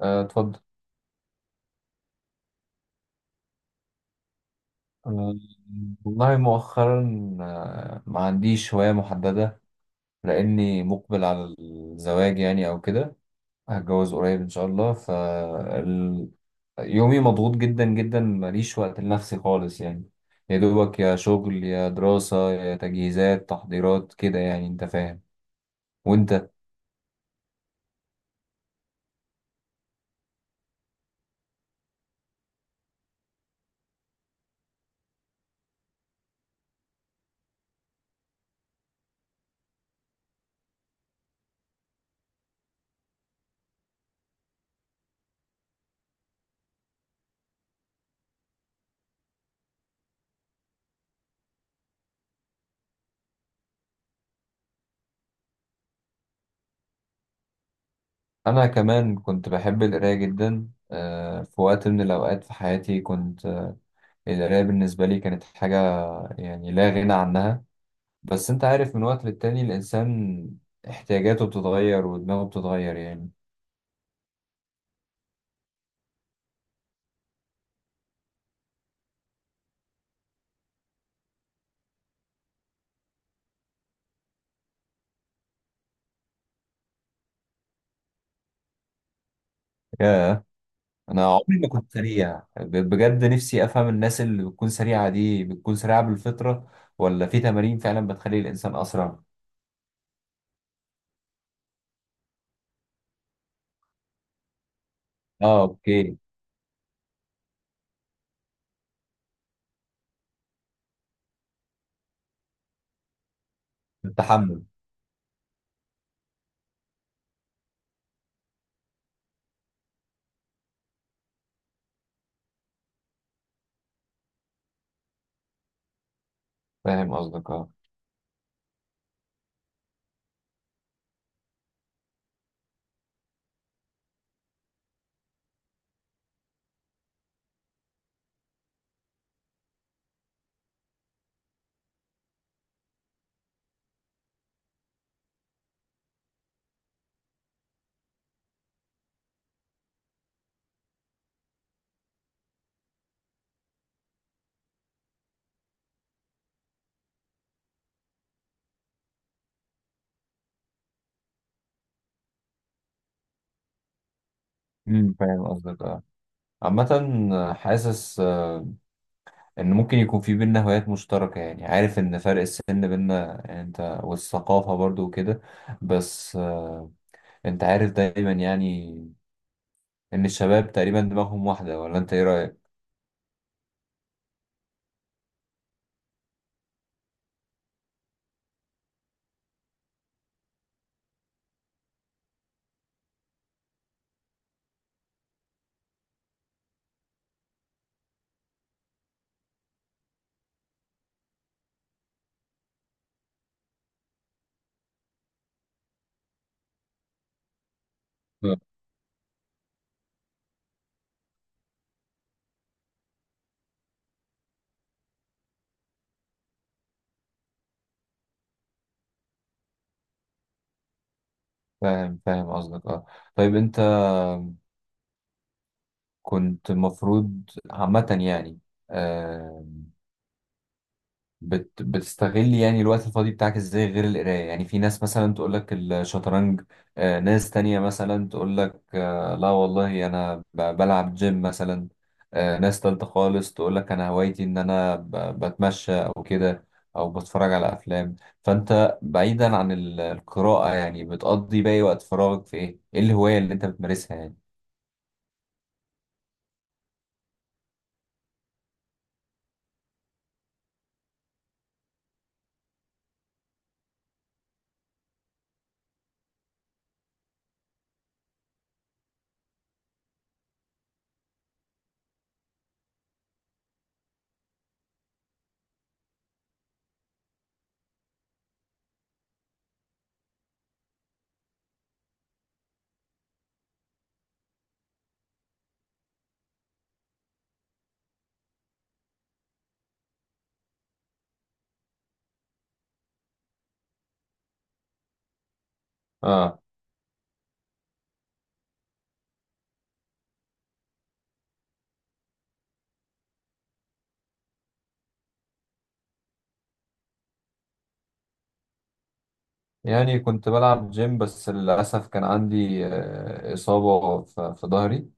آه، اتفضل. آه، والله مؤخرا، ما عنديش هواية محددة لأني مقبل على الزواج يعني أو كده. هتجوز قريب إن شاء الله. يومي مضغوط جدا جدا، ماليش وقت لنفسي خالص يعني، يا دوبك يا شغل يا دراسة يا تجهيزات تحضيرات كده يعني أنت فاهم. وأنت؟ أنا كمان كنت بحب القراية جدا، في وقت من الأوقات في حياتي كنت، القراية بالنسبة لي كانت حاجة يعني لا غنى عنها. بس انت عارف، من وقت للتاني الانسان احتياجاته بتتغير ودماغه بتتغير يعني. ياه، انا عمري ما كنت سريع، بجد نفسي افهم الناس اللي بتكون سريعة دي بتكون سريعة بالفطرة ولا في تمارين فعلا بتخلي الانسان اسرع. اه اوكي. التحمل. فاهم قصدك اه. فاهم قصدك اه. عامة حاسس ان ممكن يكون في بينا هوايات مشتركة يعني، عارف ان فرق السن بينا يعني انت، والثقافة برضو وكده، بس انت عارف دايما يعني ان الشباب تقريبا دماغهم واحده، ولا انت ايه رايك؟ آه. فاهم فاهم قصدك اه. طيب انت كنت المفروض عامه يعني، آه بتستغل يعني الوقت الفاضي بتاعك ازاي غير القراية يعني؟ في ناس مثلا تقول لك الشطرنج، ناس تانية مثلا تقول لك لا والله انا بلعب جيم مثلا، ناس تالتة خالص تقول لك انا هوايتي ان انا بتمشى او كده، او بتفرج على افلام. فانت، بعيدا عن القراءة يعني، بتقضي باقي وقت فراغك في ايه؟ ايه الهواية اللي انت بتمارسها يعني؟ اه، يعني كنت بلعب جيم، بس للأسف كان عندي إصابة في ظهري.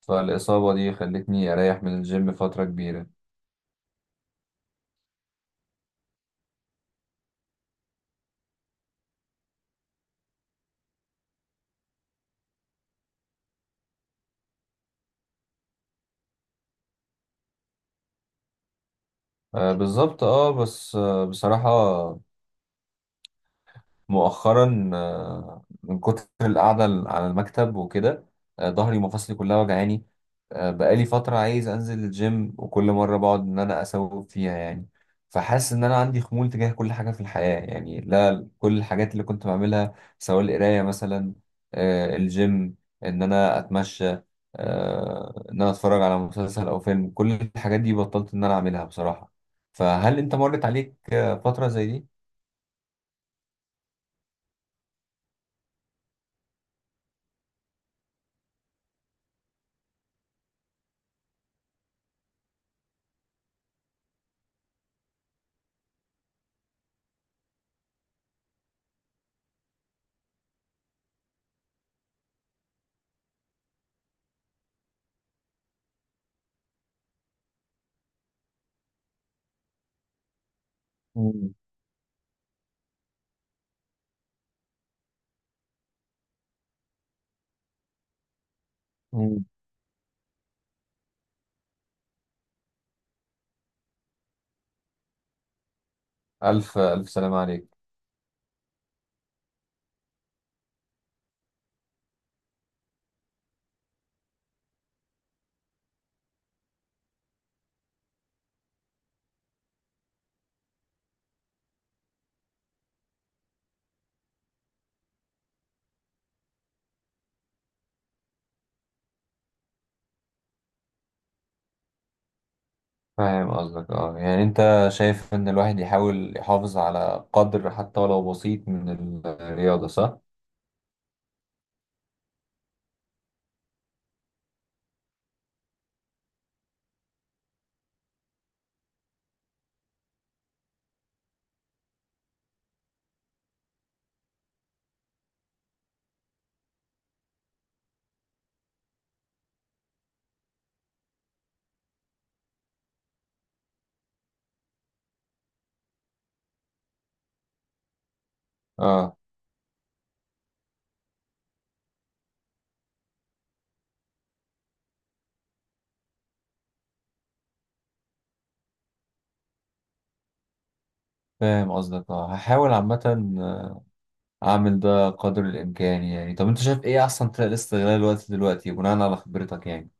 فالإصابة دي خلتني أريح من الجيم فترة كبيرة. بالظبط اه. بس بصراحة، مؤخرا من كتر القعدة على المكتب وكده، ظهري ومفاصلي كلها وجعاني. بقالي فترة عايز أنزل الجيم، وكل مرة بقعد إن أنا أسوق فيها يعني. فحاسس إن أنا عندي خمول تجاه كل حاجة في الحياة يعني، لا كل الحاجات اللي كنت بعملها، سواء القراية مثلا، الجيم، إن أنا أتمشى، إن أنا أتفرج على مسلسل أو فيلم، كل الحاجات دي بطلت إن أنا أعملها بصراحة. فهل أنت مرت عليك فترة زي دي؟ مم. ألف ألف سلام عليك. فاهم قصدك اه. يعني أنت شايف إن الواحد يحاول يحافظ على قدر حتى ولو بسيط من الرياضة، صح؟ اه. فاهم قصدك اه. هحاول عامة أعمل ده قدر الإمكان يعني. طب أنت شايف إيه أحسن طريقة لاستغلال الوقت دلوقتي بناء على خبرتك يعني؟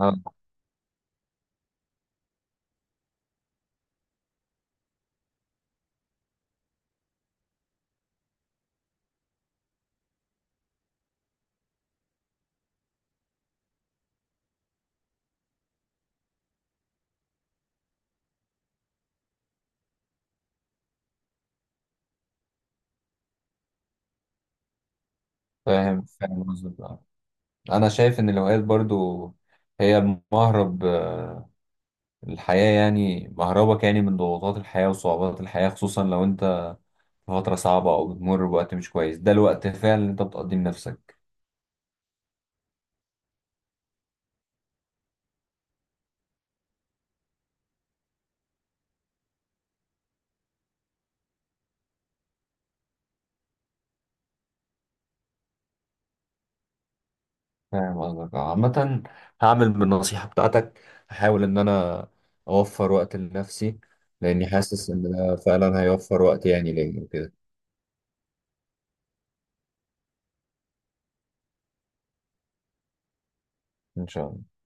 اه. فاهم فاهم قصدك اه. أنا شايف إن الهوايات برضو هي المهرب، الحياة يعني مهربك يعني من ضغوطات الحياة وصعوبات الحياة، خصوصا لو أنت فترة صعبة أو بتمر بوقت مش كويس، ده الوقت فعلا اللي أنت بتقضيه لنفسك. فاهم قصدك عامة هعمل بالنصيحة بتاعتك، هحاول إن أنا أوفر وقت لنفسي، لأني حاسس إن ده فعلا هيوفر وقت يعني ليا وكده. إن شاء الله.